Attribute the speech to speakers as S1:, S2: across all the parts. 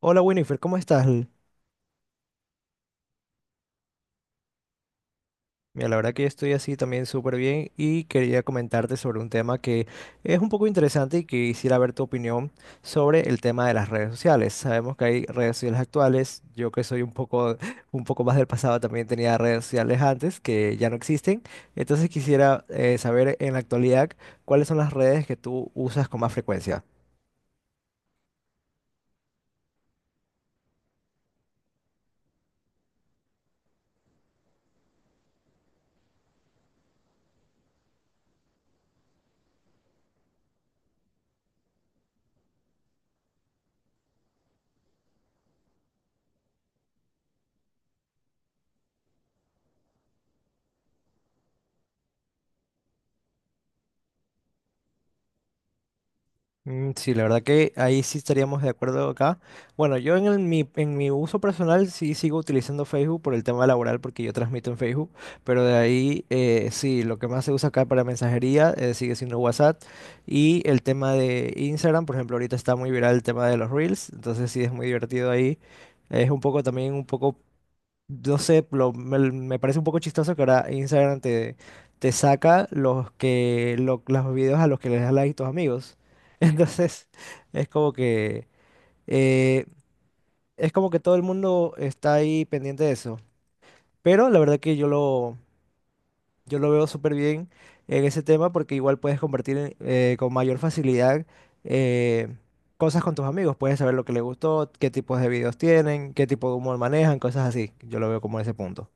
S1: Hola Winifred, ¿cómo estás? Mira, la verdad que yo estoy así también súper bien y quería comentarte sobre un tema que es un poco interesante y que quisiera ver tu opinión sobre el tema de las redes sociales. Sabemos que hay redes sociales actuales, yo que soy un poco más del pasado también tenía redes sociales antes que ya no existen. Entonces quisiera saber en la actualidad cuáles son las redes que tú usas con más frecuencia. Mm, sí, la verdad que ahí sí estaríamos de acuerdo acá. Bueno, yo en mi uso personal sí sigo utilizando Facebook por el tema laboral porque yo transmito en Facebook, pero de ahí sí, lo que más se usa acá para mensajería sigue siendo WhatsApp y el tema de Instagram, por ejemplo, ahorita está muy viral el tema de los Reels, entonces sí es muy divertido ahí. Es un poco también un poco no sé, me parece un poco chistoso que ahora Instagram te saca los videos a los que les das like tus amigos. Entonces, es como que eh, es como que todo el mundo está ahí pendiente de eso. Pero la verdad que yo lo veo súper bien en ese tema porque igual puedes compartir con mayor facilidad eh, cosas con tus amigos. Puedes saber lo que les gustó, qué tipos de videos tienen, qué tipo de humor manejan, cosas así. Yo lo veo como ese punto.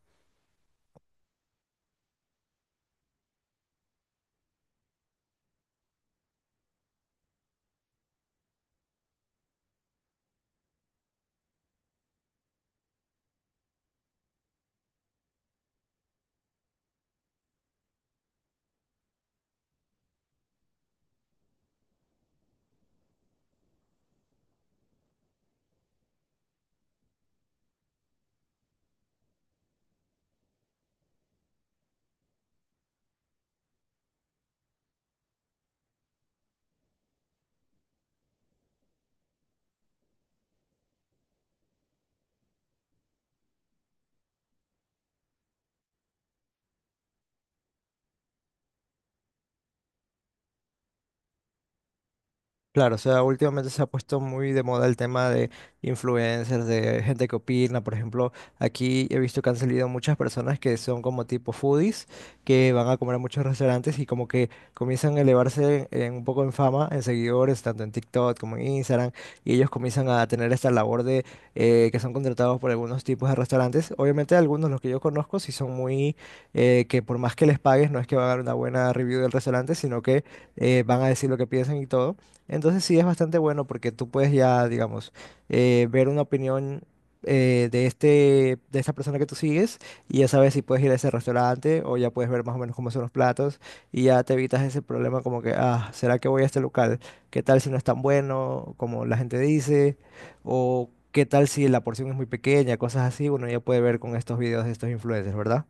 S1: Claro, o sea, últimamente se ha puesto muy de moda el tema de influencers, de gente que opina. Por ejemplo, aquí he visto que han salido muchas personas que son como tipo foodies, que van a comer a muchos restaurantes y como que comienzan a elevarse un poco en fama, en seguidores, tanto en TikTok como en Instagram, y ellos comienzan a tener esta labor de que son contratados por algunos tipos de restaurantes. Obviamente algunos, los que yo conozco, que por más que les pagues, no es que van a dar una buena review del restaurante, sino que van a decir lo que piensan y todo. Entonces sí es bastante bueno porque tú puedes ya, digamos, ver una opinión de esta persona que tú sigues y ya sabes si puedes ir a ese restaurante o ya puedes ver más o menos cómo son los platos y ya te evitas ese problema como que, ah, ¿será que voy a este local? ¿Qué tal si no es tan bueno como la gente dice? ¿O qué tal si la porción es muy pequeña? Cosas así, uno ya puede ver con estos videos de estos influencers, ¿verdad?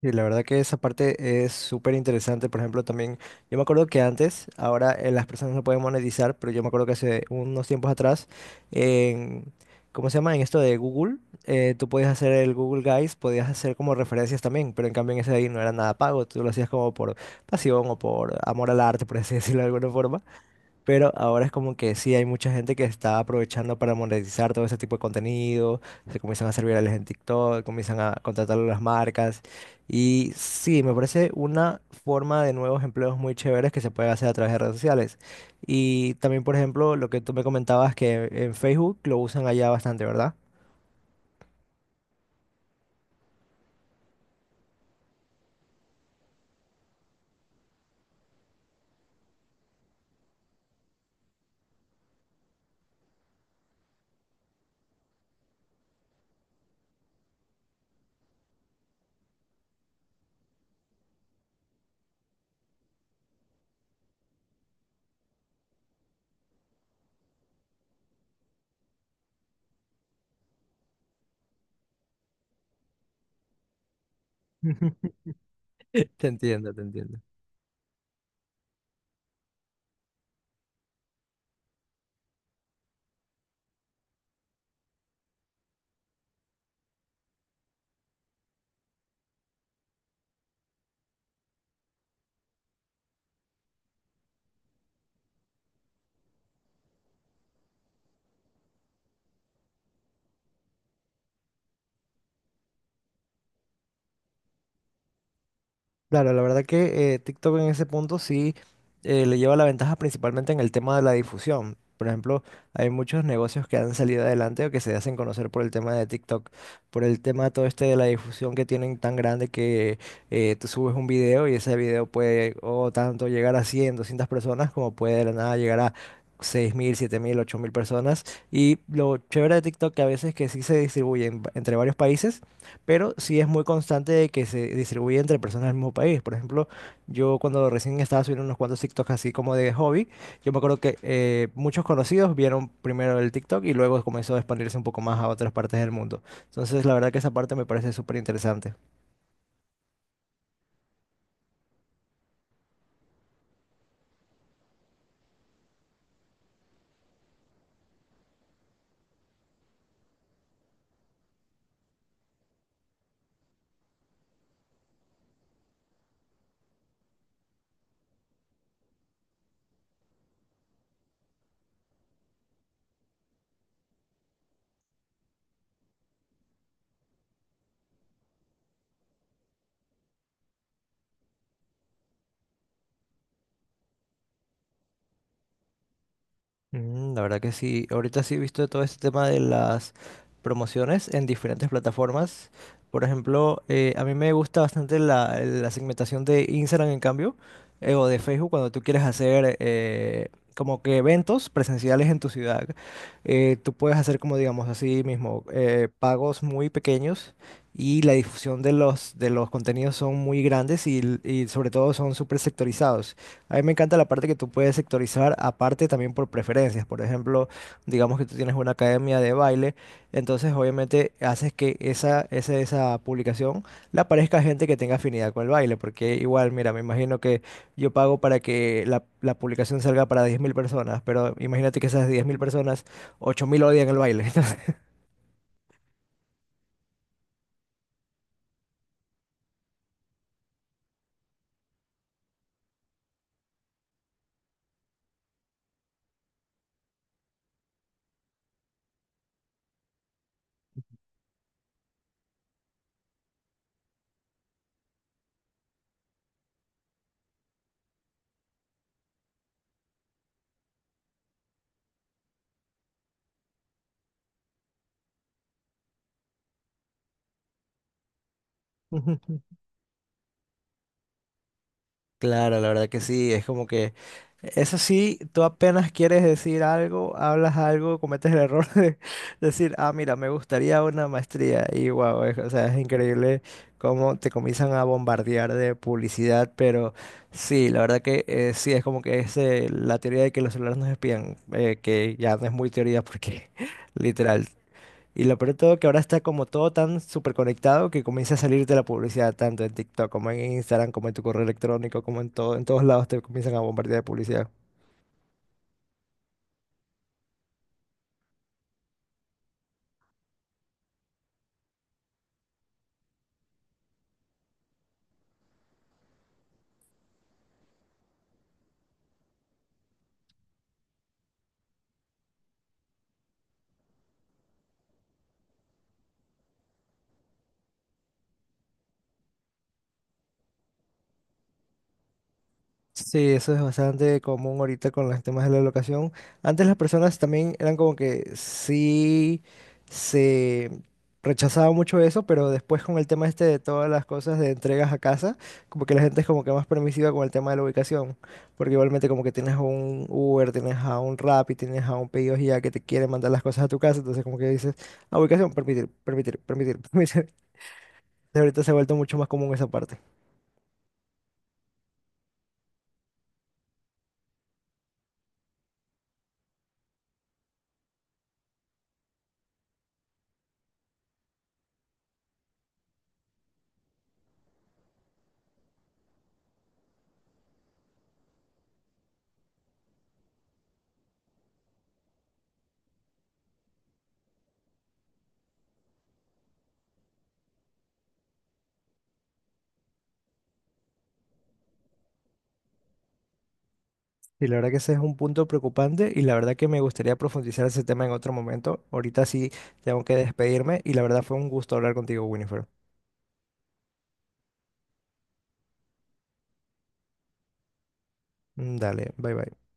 S1: Sí, la verdad que esa parte es súper interesante. Por ejemplo, también yo me acuerdo que antes, ahora las personas no pueden monetizar, pero yo me acuerdo que hace unos tiempos atrás, en, ¿cómo se llama? En esto de Google, tú podías hacer el Google Guys, podías hacer como referencias también, pero en cambio en ese de ahí no era nada pago, tú lo hacías como por pasión o por amor al arte, por así decirlo de alguna forma. Pero ahora es como que sí, hay mucha gente que está aprovechando para monetizar todo ese tipo de contenido, se comienzan a hacer virales en TikTok, comienzan a contratar a las marcas. Y sí, me parece una forma de nuevos empleos muy chéveres que se puede hacer a través de redes sociales. Y también, por ejemplo, lo que tú me comentabas que en Facebook lo usan allá bastante, ¿verdad? Te entiendo, te entiendo. Claro, la verdad que TikTok en ese punto sí le lleva la ventaja principalmente en el tema de la difusión. Por ejemplo, hay muchos negocios que han salido adelante o que se hacen conocer por el tema de TikTok, por el tema todo este de la difusión que tienen tan grande que tú subes un video y ese video puede o tanto llegar a 100, 200 personas como puede de la nada llegar a 6,000, 7,000, 8,000 personas. Y lo chévere de TikTok que a veces que sí se distribuye entre varios países pero sí es muy constante de que se distribuye entre personas del mismo país. Por ejemplo, yo cuando recién estaba subiendo unos cuantos TikToks así como de hobby, yo me acuerdo que muchos conocidos vieron primero el TikTok y luego comenzó a expandirse un poco más a otras partes del mundo. Entonces, la verdad que esa parte me parece súper interesante. Mm, la verdad que sí, ahorita sí he visto todo este tema de las promociones en diferentes plataformas. Por ejemplo, a mí me gusta bastante la segmentación de Instagram en cambio, o de Facebook cuando tú quieres hacer como que eventos presenciales en tu ciudad. Eh, tú puedes hacer como digamos así mismo, pagos muy pequeños y la difusión de los contenidos son muy grandes y sobre todo son súper sectorizados. A mí me encanta la parte que tú puedes sectorizar, aparte también por preferencias. Por ejemplo, digamos que tú tienes una academia de baile, entonces obviamente haces que esa publicación le aparezca a gente que tenga afinidad con el baile, porque igual, mira, me imagino que yo pago para que la publicación salga para 10,000 personas, pero imagínate que esas 10,000 personas, 8.000 odian el baile. Entonces, claro, la verdad que sí, es como que eso sí, tú apenas quieres decir algo, hablas algo, cometes el error de decir, ah, mira, me gustaría una maestría y wow, o sea, es increíble cómo te comienzan a bombardear de publicidad, pero sí, la verdad que sí, es como que es la teoría de que los celulares nos espían, que ya no es muy teoría porque literal, y lo peor de todo que ahora está como todo tan súper conectado que comienza a salirte la publicidad tanto en TikTok como en Instagram, como en tu correo electrónico, como en todo, en todos lados te comienzan a bombardear de publicidad. Sí, eso es bastante común ahorita con los temas de la locación. Antes las personas también eran como que sí se rechazaba mucho eso, pero después con el tema este de todas las cosas de entregas a casa, como que la gente es como que más permisiva con el tema de la ubicación, porque igualmente como que tienes un Uber, tienes a un Rappi, tienes a un Pedidos Ya que te quiere mandar las cosas a tu casa, entonces como que dices, ah, ubicación, permitir, permitir, permitir, permitir. Ahorita se ha vuelto mucho más común esa parte. Y la verdad que ese es un punto preocupante y la verdad que me gustaría profundizar ese tema en otro momento. Ahorita sí tengo que despedirme y la verdad fue un gusto hablar contigo, Winifred. Mm, dale, bye bye.